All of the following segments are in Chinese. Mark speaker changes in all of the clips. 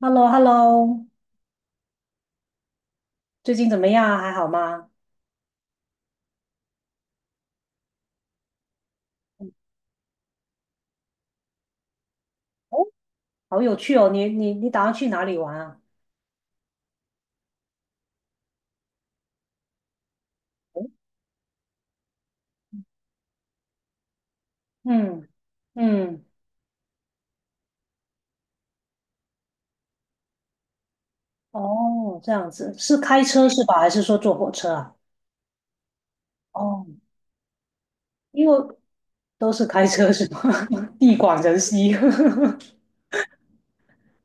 Speaker 1: h e l l o h e l l o 最近怎么样啊还好吗？哦，好有趣哦！你打算去哪里玩啊？嗯嗯，哦，这样子，是开车是吧？还是说坐火车啊？哦，因为都是开车是吧？地广人稀。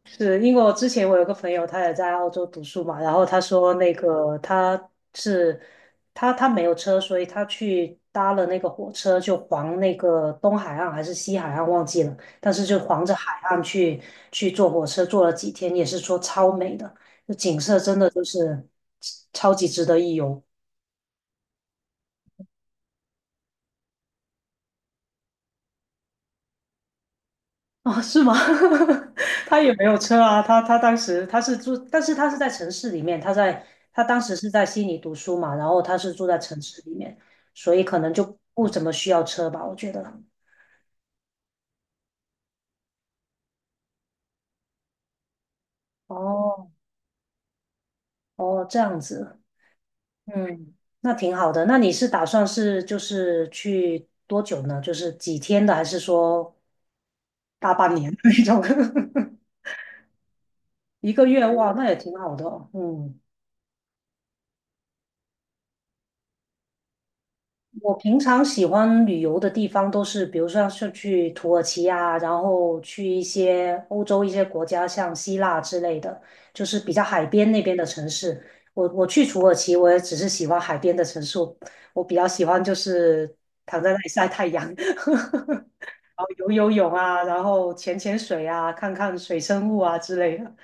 Speaker 1: 是因为我之前我有个朋友，他也在澳洲读书嘛，然后他说那个他是他他没有车，所以他去搭了那个火车，就环那个东海岸还是西海岸忘记了，但是就环着海岸去坐火车，坐了几天，也是说超美的，那景色真的就是超级值得一游。哦，是吗？他也没有车啊，他当时他是住，但是他是在城市里面，他当时是在悉尼读书嘛，然后他是住在城市里面，所以可能就不怎么需要车吧，我觉得。哦哦，这样子，嗯，那挺好的。那你是打算是就是去多久呢？就是几天的，还是说大半年的那种？一个月，哇，那也挺好的哦嗯。我平常喜欢旅游的地方都是，比如说是去土耳其啊，然后去一些欧洲一些国家，像希腊之类的，就是比较海边那边的城市。我我去土耳其，我也只是喜欢海边的城市，我比较喜欢就是躺在那里晒太阳，然后游游泳啊，然后潜潜水啊，看看水生物啊之类的。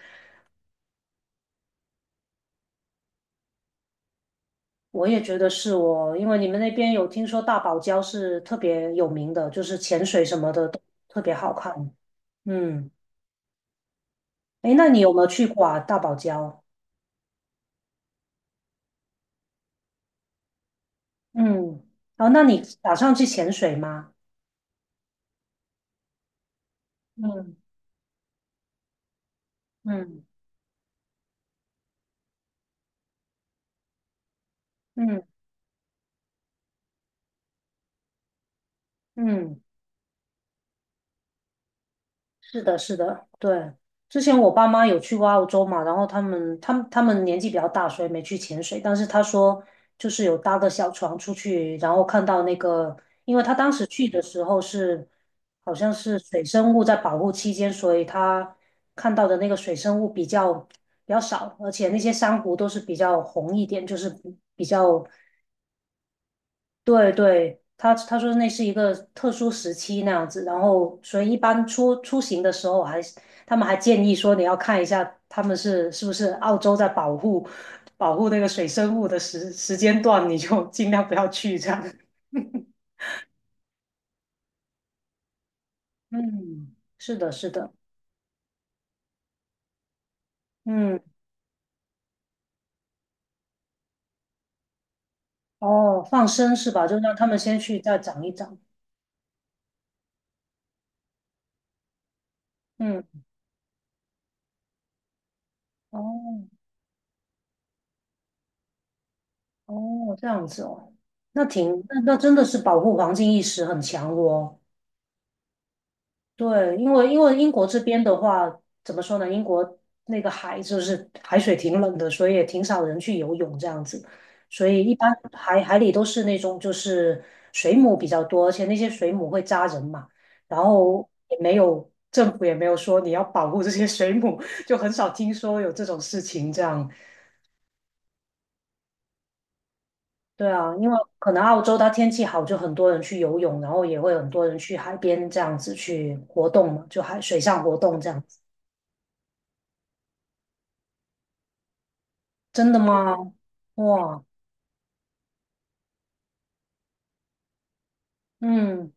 Speaker 1: 我也觉得是我，因为你们那边有听说大堡礁是特别有名的，就是潜水什么的都特别好看。嗯，诶，那你有没有去过啊？大堡礁？嗯，哦，那你打算去潜水吗？嗯嗯嗯嗯，是的，是的，对。之前我爸妈有去过澳洲嘛，然后他们年纪比较大，所以没去潜水。但是他说，就是有搭个小船出去，然后看到那个，因为他当时去的时候是好像是水生物在保护期间，所以他看到的那个水生物比较少，而且那些珊瑚都是比较红一点，就是比较对对，他他说那是一个特殊时期那样子，然后所以一般出行的时候他们还建议说你要看一下他们是不是澳洲在保护那个水生物的时间段，你就尽量不要去这样。嗯，是的，是的，嗯，哦，放生是吧？就让他们先去再长一长。嗯，哦哦，这样子哦，那挺那那真的是保护环境意识很强哦。对，因为英国这边的话，怎么说呢？英国那个海就是海水挺冷的，所以也挺少人去游泳这样子，所以一般海里都是那种就是水母比较多，而且那些水母会扎人嘛，然后也没有政府也没有说你要保护这些水母，就很少听说有这种事情这样。对啊，因为可能澳洲它天气好，就很多人去游泳，然后也会很多人去海边这样子去活动嘛，就海水上活动这样。真的吗？哇，嗯，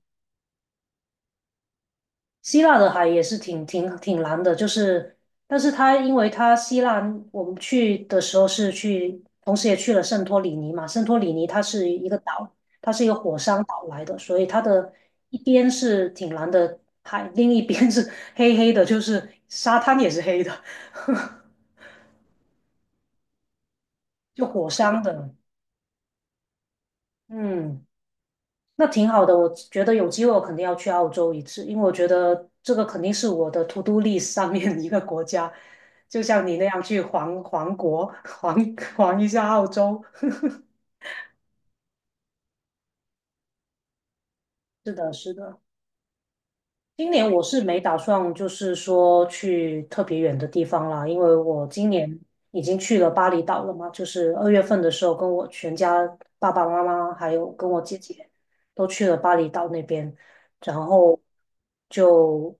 Speaker 1: 希腊的海也是挺挺蓝的，就是，但是它因为它希腊，我们去的时候是去，同时也去了圣托里尼嘛，圣托里尼它是一个岛，它是一个火山岛来的，所以它的一边是挺蓝的海，另一边是 黑黑的，就是沙滩也是黑的，就火山的，嗯。那挺好的，我觉得有机会我肯定要去澳洲一次，因为我觉得这个肯定是我的 to do list 上面一个国家，就像你那样去环国，环一下澳洲。是的，是的。今年我是没打算，就是说去特别远的地方啦，因为我今年已经去了巴厘岛了嘛，就是二月份的时候，跟我全家爸爸妈妈还有跟我姐姐都去了巴厘岛那边，然后就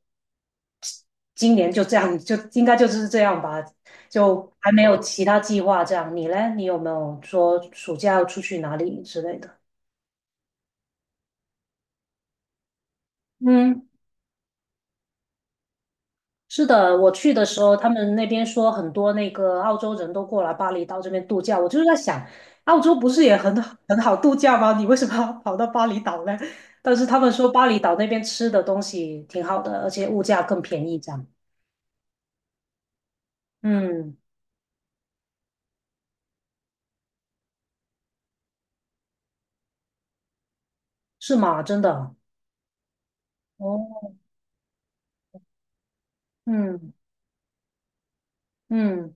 Speaker 1: 今年就这样，就应该就是这样吧，就还没有其他计划这样。你嘞，你有没有说暑假要出去哪里之类的？嗯是的，我去的时候，他们那边说很多那个澳洲人都过来巴厘岛这边度假，我就是在想，澳洲不是也很很好度假吗？你为什么要跑到巴厘岛呢？但是他们说巴厘岛那边吃的东西挺好的，而且物价更便宜，这样。嗯，是吗？真的。哦，嗯嗯，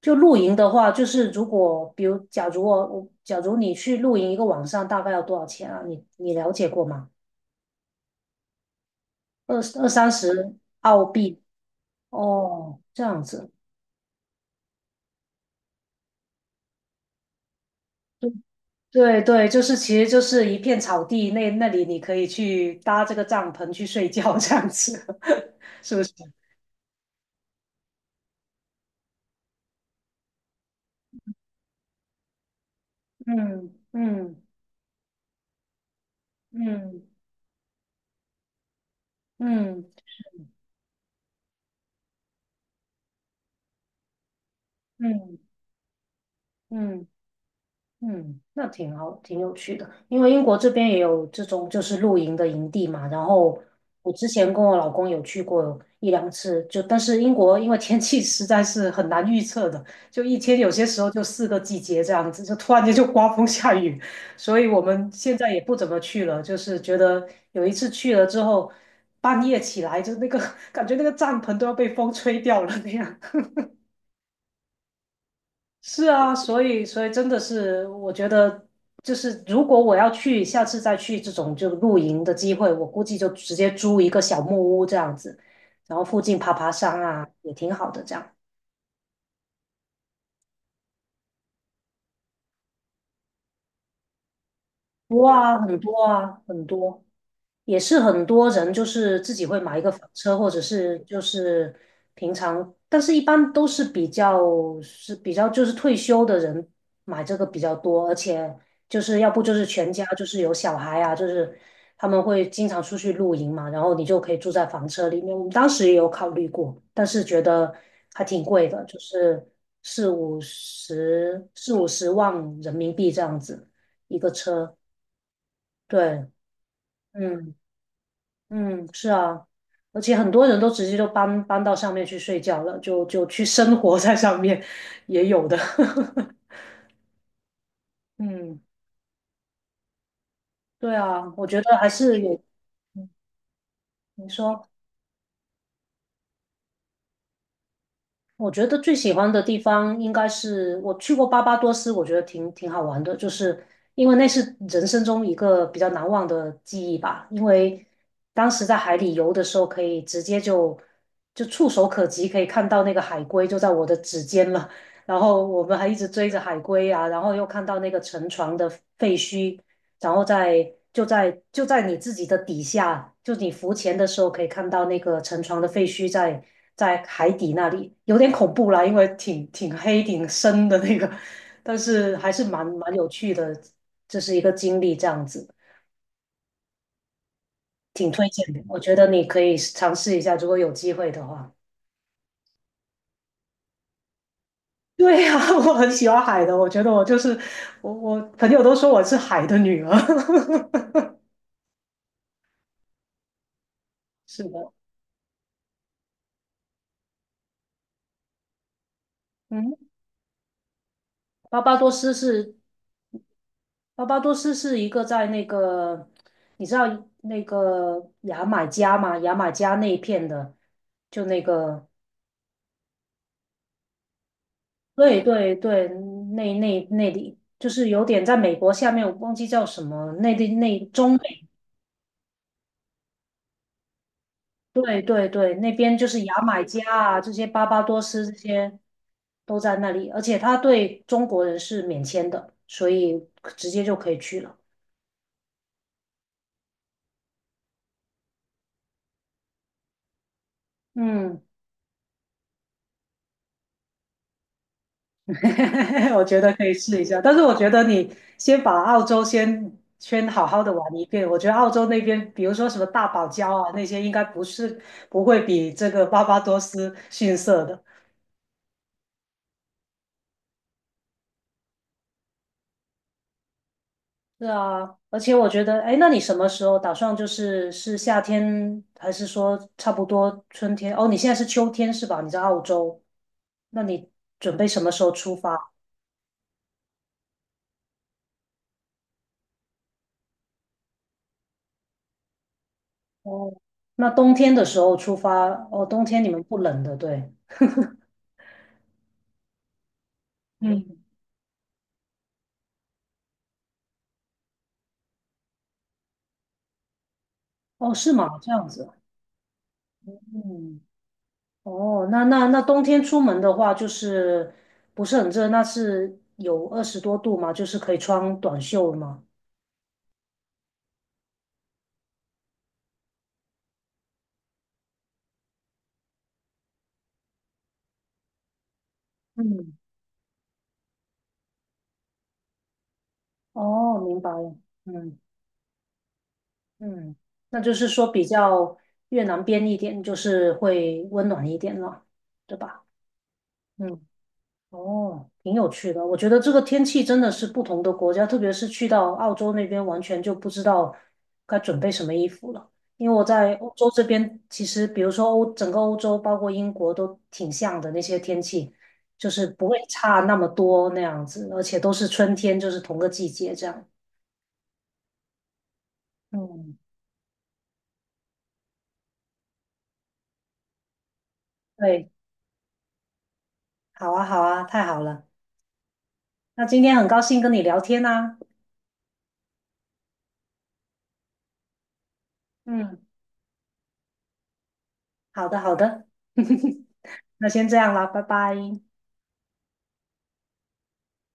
Speaker 1: 就露营的话，就是如果比如假如你去露营一个晚上，大概要多少钱啊？你你了解过吗？二三十澳币。哦，这样子，对对，就是其实就是一片草地，那那里你可以去搭这个帐篷去睡觉，这样子，是不是？嗯嗯嗯嗯嗯嗯嗯。嗯，那挺好，挺有趣的。因为英国这边也有这种就是露营的营地嘛，然后我之前跟我老公有去过1两次，就但是英国因为天气 实在是很难预测的，就一天有些时候就四个季节这样子，就突然间就刮风 下雨，所以我们现在也不怎么去了，就是觉得有一次去了之后，半夜起来就那个 感觉那个帐篷都要被风吹掉了那样。是啊，所以真的是，我觉得就是如果我要去，下次再去这种就露营的机会，我估计就直接租一个小木屋这样子，然后附近爬爬山啊，也挺好的这样。多啊，很多啊，很多。也是很多人就是自己会买一个房车，或者是就是平常，但是一般都是比较是比较就是退休的人买这个比较多，而且就是要不就是全家就是有小孩啊，就是他们会经常出去露营嘛，然后你就可以住在房车里面。我们当时也有考虑过，但是觉得还挺贵的，就是四五十万人民币这样子一个车，对。嗯。嗯，是啊，而且很多人都直接就搬到上面去睡觉了，就去生活在上面，也有的。嗯，对啊，我觉得还是有。嗯你说，我觉得最喜欢的地方应该是我去过巴巴多斯，我觉得挺好玩的，就是因为那是人生中一个比较难忘的记忆吧。因为当时在海里游的时候，可以直接就触手可及，可以看到那个海龟就在我的指尖了。然后我们还一直追着海龟啊，然后又看到那个沉船的废墟，然后在你自己的底下，就你浮潜的时候可以看到那个沉船的废墟在海底那里，有点恐怖啦，因为挺黑挺深的那个，但是还是蛮有趣的，这是一个经历，这样子挺推荐的，我觉得你可以尝试一下，如果有机会的话。对呀、我很喜欢海的，我觉得我就是我，我朋友都说我是海的女儿。是的，嗯，巴巴多斯是巴巴多斯是一个在那个，你知道那个牙买加吗？牙买加那一片的，就那个，对对对，那里就是有点在美国下面，我忘记叫什么，那中美对对对，那边就是牙买加啊，这些巴巴多斯这些都在那里，而且他对中国人是免签的，所以直接就可以去了。嗯，我觉得可以试一下，但是我觉得你把澳洲先好好的玩一遍。我觉得澳洲那边，比如说什么大堡礁啊那些，应该不是不会比这个巴巴多斯逊色的。是啊，而且我觉得，哎，那你什么时候打算就是是夏天，还是说差不多春天？哦，你现在是秋天是吧？你在澳洲，那你准备什么时候出发？哦，那冬天的时候出发，哦，冬天你们不冷的，对。嗯。哦，是吗？这样子，嗯，哦，那冬天出门的话，就是不是很热，那是有20多度吗？就是可以穿短袖吗？嗯，哦，明白了，嗯。嗯，那就是说比较越南边一点，就是会温暖一点了，对吧？嗯，哦，挺有趣的。我觉得这个天气真的是不同的国家，特别是去到澳洲那边，完全就不知道该准备什么衣服了。因为我在欧洲这边，其实比如说整个欧洲，包括英国都挺像的那些天气，就是不会差那么多那样子，而且都是春天，就是同个季节这样。嗯，对，好啊，好啊，太好了。那今天很高兴跟你聊天啊。嗯，好的，好的，那先这样了，拜拜。